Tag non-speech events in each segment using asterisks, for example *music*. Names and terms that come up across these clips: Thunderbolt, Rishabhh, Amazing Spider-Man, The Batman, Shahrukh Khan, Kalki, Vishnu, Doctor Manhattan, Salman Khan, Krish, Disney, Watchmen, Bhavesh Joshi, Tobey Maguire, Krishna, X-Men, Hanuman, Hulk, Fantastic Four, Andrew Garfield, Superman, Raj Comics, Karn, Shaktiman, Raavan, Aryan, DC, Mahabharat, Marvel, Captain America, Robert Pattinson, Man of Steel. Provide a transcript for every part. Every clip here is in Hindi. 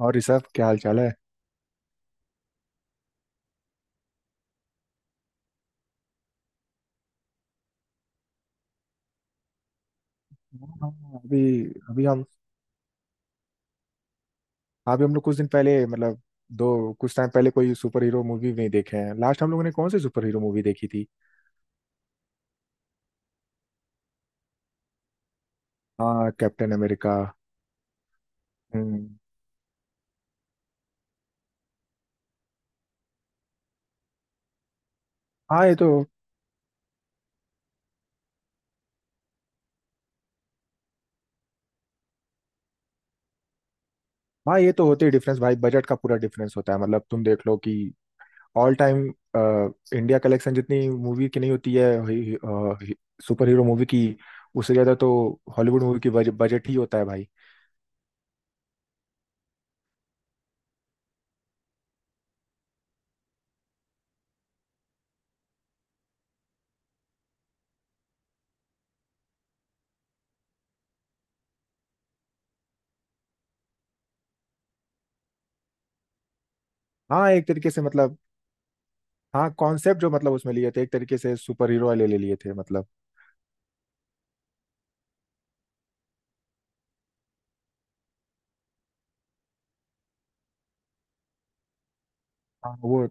और ऋषभ क्या हाल चाल है? हाँ। अभी अभी हम अभी हम लोग कुछ दिन पहले दो कुछ टाइम पहले कोई सुपर हीरो मूवी नहीं देखे हैं। लास्ट हम लोगों ने कौन सी सुपर हीरो मूवी देखी थी? हाँ, कैप्टन अमेरिका। हम्म। हाँ ये तो हाँ, ये तो होते ही डिफरेंस, भाई। बजट का पूरा डिफरेंस होता है, तुम देख लो कि ऑल टाइम इंडिया कलेक्शन जितनी मूवी की नहीं होती है सुपर हीरो मूवी की, उससे ज्यादा तो हॉलीवुड मूवी की बजट ही होता है, भाई। हाँ, एक तरीके से हाँ, कॉन्सेप्ट जो उसमें लिए थे, एक तरीके से सुपर हीरो वाले ले लिए थे हाँ वो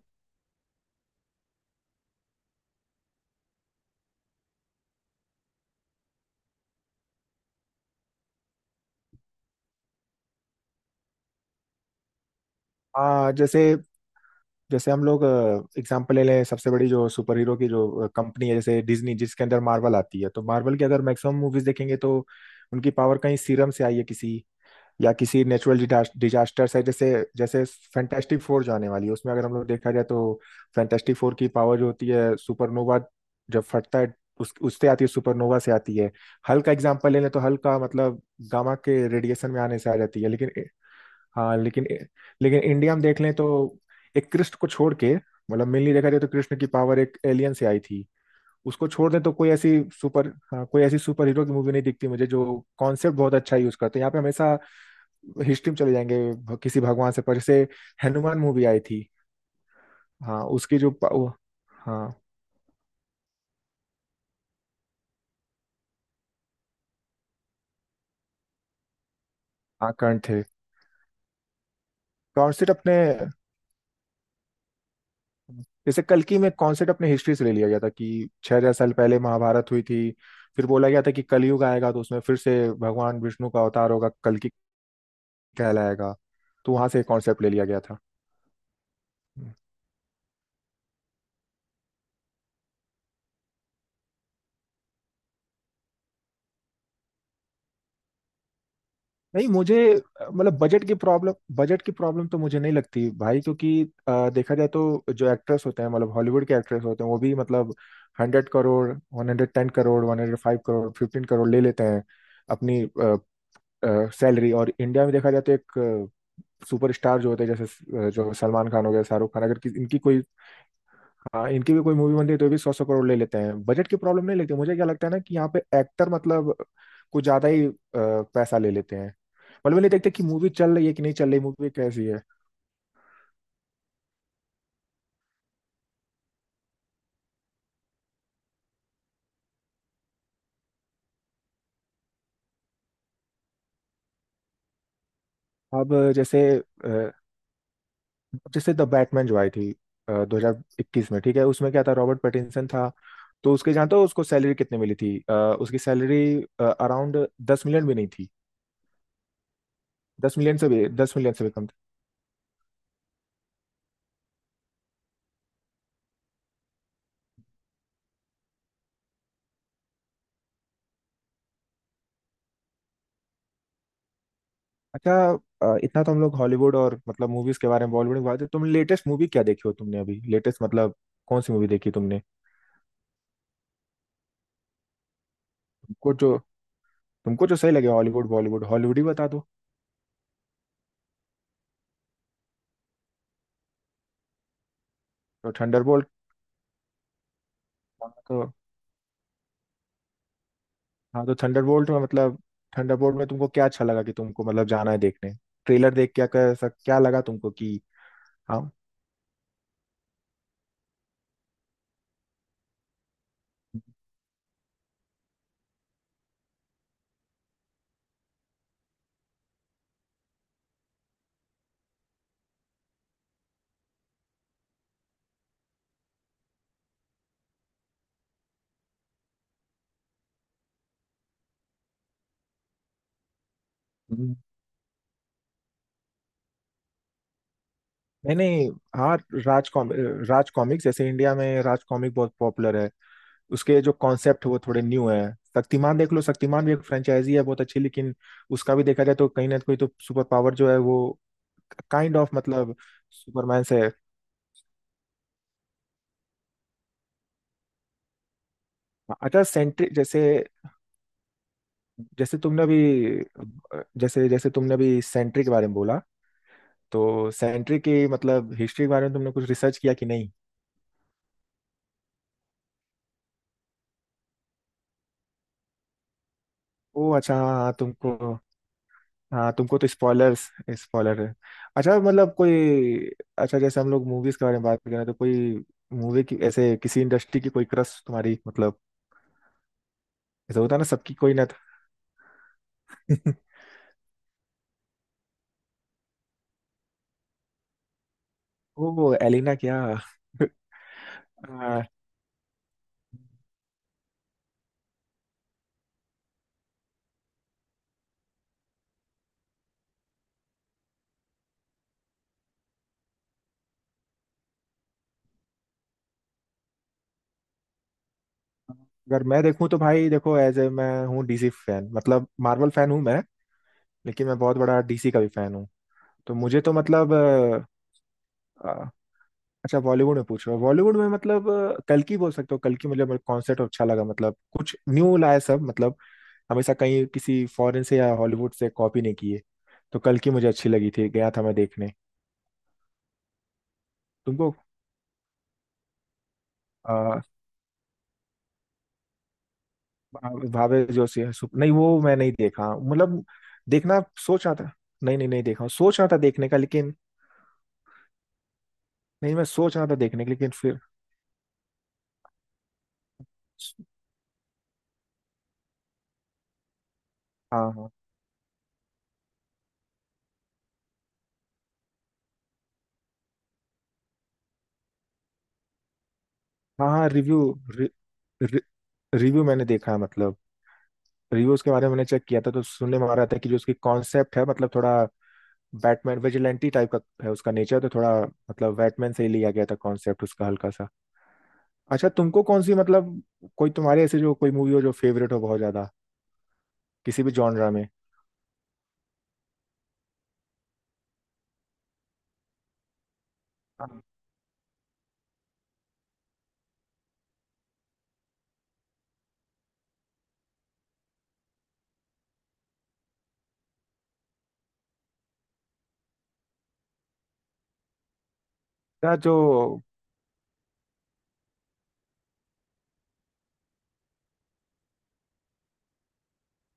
हाँ। जैसे जैसे हम लोग एग्जाम्पल ले लें। सबसे बड़ी जो सुपर हीरो की जो कंपनी है जैसे डिज्नी, जिसके अंदर मार्वल आती है, तो मार्वल की अगर मैक्सिमम मूवीज देखेंगे तो उनकी पावर कहीं सीरम से आई है, किसी या किसी नेचुरल डिजास्टर है। जैसे जैसे फैंटास्टिक फोर जो आने वाली है, उसमें अगर हम लोग देखा जाए तो फैंटास्टिक फोर की पावर जो होती है सुपरनोवा, जब फटता है उस उससे आती है, सुपरनोवा से आती है। हल्क का एग्जांपल ले लें तो हल्क का गामा के रेडिएशन में आने से आ जाती है। लेकिन हाँ लेकिन लेकिन इंडिया में देख लें तो एक कृष्ण को छोड़ के मेनली देखा जाए तो कृष्ण की पावर एक एलियन से आई थी। उसको छोड़ दें तो कोई ऐसी सुपर हाँ कोई ऐसी सुपर हीरो की मूवी नहीं दिखती मुझे, जो कॉन्सेप्ट बहुत अच्छा यूज करते हैं यहाँ पे। हमेशा हिस्ट्री में चले जाएंगे, किसी भगवान से। पर जैसे हनुमान मूवी आई थी। हाँ, उसकी जो वो, हाँ। हाँ, कर्ण थे। कॉन्सेप्ट अपने जैसे कल्कि में कॉन्सेप्ट अपने हिस्ट्री से ले लिया गया था कि 6,000 साल पहले महाभारत हुई थी। फिर बोला गया था कि कलयुग आएगा तो उसमें फिर से भगवान विष्णु का अवतार होगा, कल्कि कहलाएगा। तो वहां से कॉन्सेप्ट ले लिया गया था। नहीं, मुझे अ, मतलब बजट की प्रॉब्लम, बजट की प्रॉब्लम तो मुझे नहीं लगती, भाई। क्योंकि देखा जाए तो जो एक्ट्रेस होते हैं, हॉलीवुड के एक्ट्रेस होते हैं, वो भी 100 करोड़, 110 करोड़, 105 करोड़, 15 करोड़ ले लेते हैं अपनी सैलरी। और इंडिया में देखा जाए तो एक सुपरस्टार जो होते हैं, जैसे जो सलमान खान हो गया, शाहरुख खान, अगर इनकी कोई, हाँ, इनकी भी कोई मूवी बनती है तो ये भी 100-100 करोड़ ले लेते हैं। बजट की प्रॉब्लम नहीं लगती मुझे। क्या लगता है ना कि यहाँ पे एक्टर कुछ ज्यादा ही पैसा ले लेते हैं। मतलब ये नहीं देखते कि मूवी चल रही है कि नहीं चल रही, मूवी कैसी है। अब जैसे जैसे द बैटमैन जो आई थी 2021 में, ठीक है, उसमें क्या था, रॉबर्ट पैटिंसन था। तो उसके, जानते हो उसको सैलरी कितने मिली थी? उसकी सैलरी अराउंड 10 million भी नहीं थी। 10 million से भी कम। अच्छा। इतना तो हम लोग हॉलीवुड और मूवीज के बारे में, बॉलीवुड के बारे में तो तुम लेटेस्ट मूवी क्या देखी हो, तुमने अभी लेटेस्ट कौन सी मूवी देखी तुमने? तुमको जो तुमको जो सही लगे, हॉलीवुड बॉलीवुड, हॉलीवुड ही बता दो। तो थंडरबोल्ट। तो हाँ, तो थंडरबोल्ट में थंडरबोल्ट में तुमको क्या अच्छा लगा कि तुमको जाना है देखने, ट्रेलर देख क्या कैसा क्या लगा तुमको कि? हाँ। हम्म। नहीं नहीं। हाँ, राज कॉमिक, राज कॉमिक जैसे इंडिया में राज कॉमिक बहुत पॉपुलर है। उसके जो कॉन्सेप्ट है वो थोड़े न्यू है। शक्तिमान देख लो, शक्तिमान भी एक फ्रेंचाइजी है बहुत अच्छी, लेकिन उसका भी देखा जाए तो कहीं ना कहीं तो सुपर पावर जो है वो काइंड ऑफ सुपरमैन से है। अच्छा, सेंट्रिक जैसे, जैसे तुमने अभी जैसे जैसे तुमने अभी सेंट्रिक के बारे में बोला तो सेंट्रिक की हिस्ट्री के बारे में तुमने कुछ रिसर्च किया कि नहीं? ओ अच्छा हाँ हाँ, तुमको हाँ, तुमको तो स्पॉयलर्स, स्पॉयलर है। अच्छा कोई, अच्छा जैसे हम लोग मूवीज के बारे में बात कर रहे हैं तो कोई मूवी की, ऐसे किसी इंडस्ट्री की कोई क्रश तुम्हारी ऐसा होता है ना, सबकी कोई ना था। *laughs* ओ एलिना क्या। *laughs* आ। अगर मैं देखूं तो भाई देखो, एज ए, मैं हूँ DC फैन, मार्वल फैन हूँ मैं, लेकिन मैं बहुत बड़ा DC का भी फैन हूँ। तो मुझे तो मतलब अच्छा, बॉलीवुड में पूछ रहे हो। बॉलीवुड में कल की बोल सकते हो। कल की मेरे कॉन्सेप्ट अच्छा लगा, कुछ न्यू लाया सब हमेशा कहीं किसी फॉरेन से या हॉलीवुड से कॉपी नहीं किए। तो कल की मुझे अच्छी लगी थी, गया था मैं देखने। तुमको आ, भावे जोशी है, नहीं, वो मैं नहीं देखा देखना सोच रहा था। नहीं नहीं, नहीं देखा, सोच रहा था देखने का, लेकिन नहीं मैं सोच रहा था देखने का लेकिन फिर, हाँ हाँ हाँ हाँ। रिव्यू, रिव्यू मैंने देखा है रिव्यूज के बारे में मैंने चेक किया था। तो सुनने में आ रहा था कि जो उसकी कॉन्सेप्ट है थोड़ा बैटमैन विजिलेंटी टाइप का है, उसका नेचर तो थोड़ा बैटमैन से ही लिया गया था कॉन्सेप्ट उसका हल्का सा। अच्छा तुमको कौन सी कोई तुम्हारे ऐसे जो कोई मूवी हो जो फेवरेट हो बहुत ज्यादा, किसी भी जॉनरा में? अच्छा जो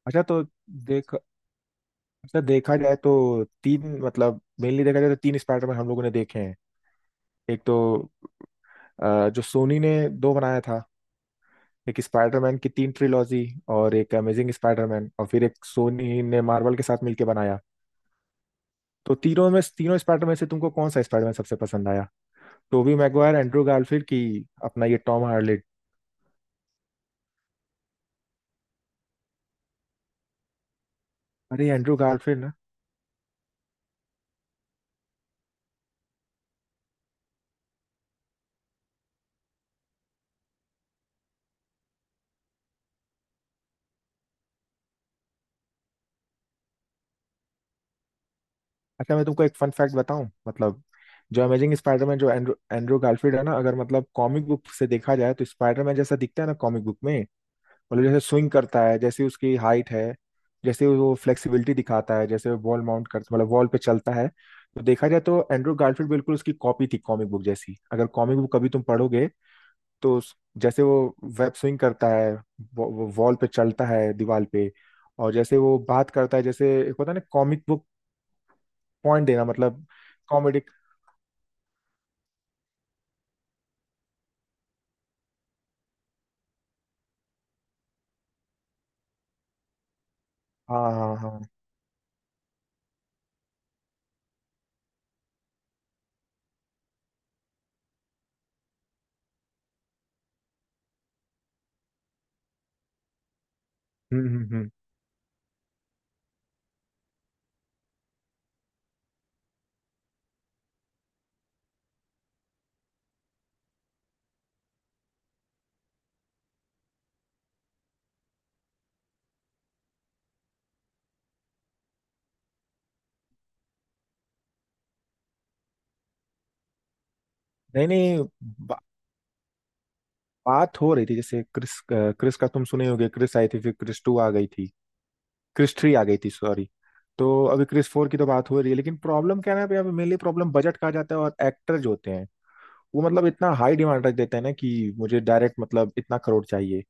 अच्छा तो देख अच्छा, देखा जाए तो तीन मेनली देखा जाए तो तीन स्पाइडरमैन हम लोगों ने देखे हैं। एक तो जो सोनी ने दो बनाया था, एक स्पाइडरमैन की तीन ट्रिलॉजी और एक अमेजिंग स्पाइडरमैन, और फिर एक सोनी ने मार्वल के साथ मिलकर बनाया। तो तीनों में, तीनों स्पाइडरमैन से तुमको कौन सा स्पाइडरमैन सबसे पसंद आया? टोबी मैगवायर, एंड्रू गारफील्ड की, अपना ये टॉम हार्लेट। अरे एंड्रू गारफील्ड ना। अच्छा, मैं तुमको एक फन फैक्ट बताऊं जो अमेजिंग स्पाइडरमैन जो एंड्रू एंड्रू गारफील्ड है ना, अगर कॉमिक बुक से देखा जाए तो स्पाइडरमैन जैसा दिखता है ना कॉमिक बुक में, जैसे स्विंग करता है, जैसे उसकी हाइट है, जैसे वो फ्लेक्सिबिलिटी दिखाता है, जैसे वॉल माउंट करता, वॉल पे चलता है। तो देखा जाए तो एंड्रू गारफील्ड बिल्कुल उसकी कॉपी थी, कॉमिक बुक जैसी। अगर कॉमिक बुक कभी तुम पढ़ोगे तो जैसे वो वेब स्विंग करता है, वो वॉल पे चलता है, दीवार पे, और जैसे वो बात करता है जैसे एक होता है ना कॉमिक बुक पॉइंट देना, कॉमेडी। हाँ हाँ हाँ हाँ। हम्म। नहीं नहीं बा, बात हो रही थी जैसे क्रिस क्रिस का तुम सुने होगे, क्रिस आई थी, फिर क्रिस टू आ गई थी, क्रिस थ्री आ गई थी, सॉरी। तो अभी क्रिस फोर की तो बात हो रही है, लेकिन प्रॉब्लम क्या है ना, अभी मेनली प्रॉब्लम बजट का आ जाता है। और एक्टर जो होते हैं वो इतना हाई डिमांड रख देते हैं ना कि मुझे डायरेक्ट इतना करोड़ चाहिए।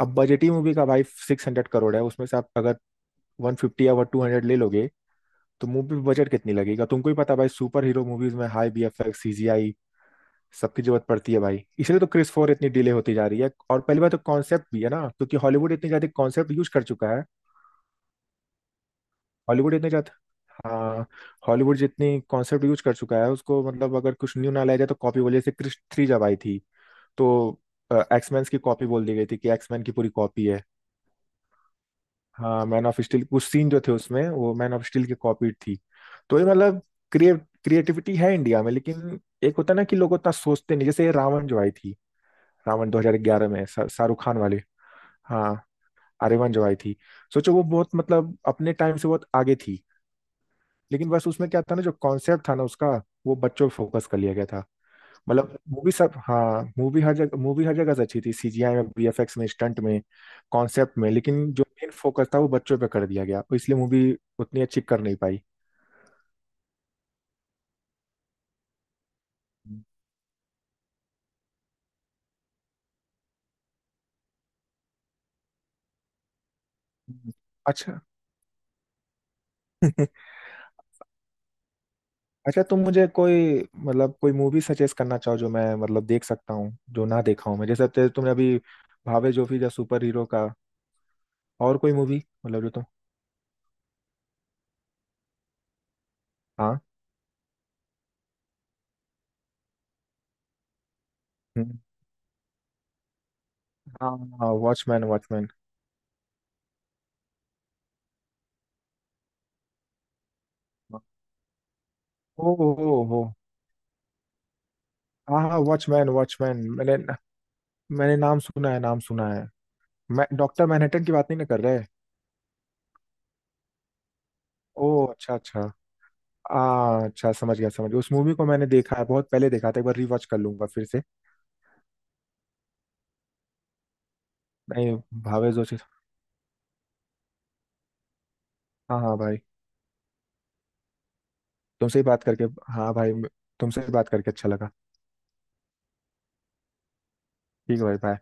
अब बजटी मूवी का, भाई, 600 करोड़ है, उसमें से आप अगर 150 या 200 ले लोगे तो मूवी बजट कितनी लगेगा तुमको ही पता है, भाई। सुपर हीरो मूवीज में हाई BFX, CGI सबकी जरूरत पड़ती है, भाई। इसलिए तो क्रिस फोर इतनी डिले होती जा रही है। और पहली बात तो कॉन्सेप्ट भी है ना, क्योंकि हॉलीवुड इतनी ज्यादा कॉन्सेप्ट यूज कर चुका है। हॉलीवुड इतने ज्यादा हाँ, हॉलीवुड जितनी कॉन्सेप्ट यूज कर चुका है उसको अगर कुछ न्यू ना लाया जाए तो कॉपी बोले। जैसे क्रिश थ्री जब आई थी तो एक्समैन की कॉपी बोल दी गई थी कि एक्समैन की पूरी कॉपी है। हाँ, मैन ऑफ स्टील, कुछ सीन जो थे उसमें वो मैन ऑफ स्टील की कॉपी थी। तो ये क्रिएट, क्रिएटिविटी है इंडिया में, लेकिन एक होता है ना कि लोग उतना सोचते नहीं। जैसे ये रावण जो आई थी, रावण 2011 में, शाहरुख खान वाले। हाँ आर्यमन जो आई थी, सोचो वो बहुत अपने टाइम से बहुत आगे थी, लेकिन बस उसमें क्या था ना, जो कॉन्सेप्ट था ना उसका, वो बच्चों पे फोकस कर लिया गया था। मूवी सब, हाँ मूवी हर जगह, मूवी हर जगह से अच्छी थी, CGI में, VFX में, स्टंट में, कॉन्सेप्ट में, लेकिन जो मेन फोकस था वो बच्चों पे कर दिया गया और इसलिए मूवी उतनी अच्छी कर नहीं पाई। अच्छा। *laughs* अच्छा, तुम मुझे कोई कोई मूवी सजेस्ट करना चाहो जो मैं देख सकता हूँ जो ना देखा हूँ मैं, जैसे तुमने अभी भावे जोफी या सुपर हीरो का, और कोई मूवी जो तुम, हाँ। हम्म, हाँ, वॉचमैन, वॉचमैन। ओ हो हो। हाँ हाँ, वॉचमैन, वॉचमैन मैंने मैंने नाम सुना है, नाम सुना है। मैं डॉक्टर मैनहट्टन की बात नहीं ना कर रहे? ओ अच्छा अच्छा। आ। अच्छा समझ गया, समझ गया। उस मूवी को मैंने देखा है, बहुत पहले देखा था, एक बार रीवॉच कर लूंगा फिर से। नहीं, भावे जोशी। हाँ हाँ भाई। तुमसे ही बात करके, हाँ भाई, तुमसे ही बात करके अच्छा लगा। ठीक है भाई, बाय।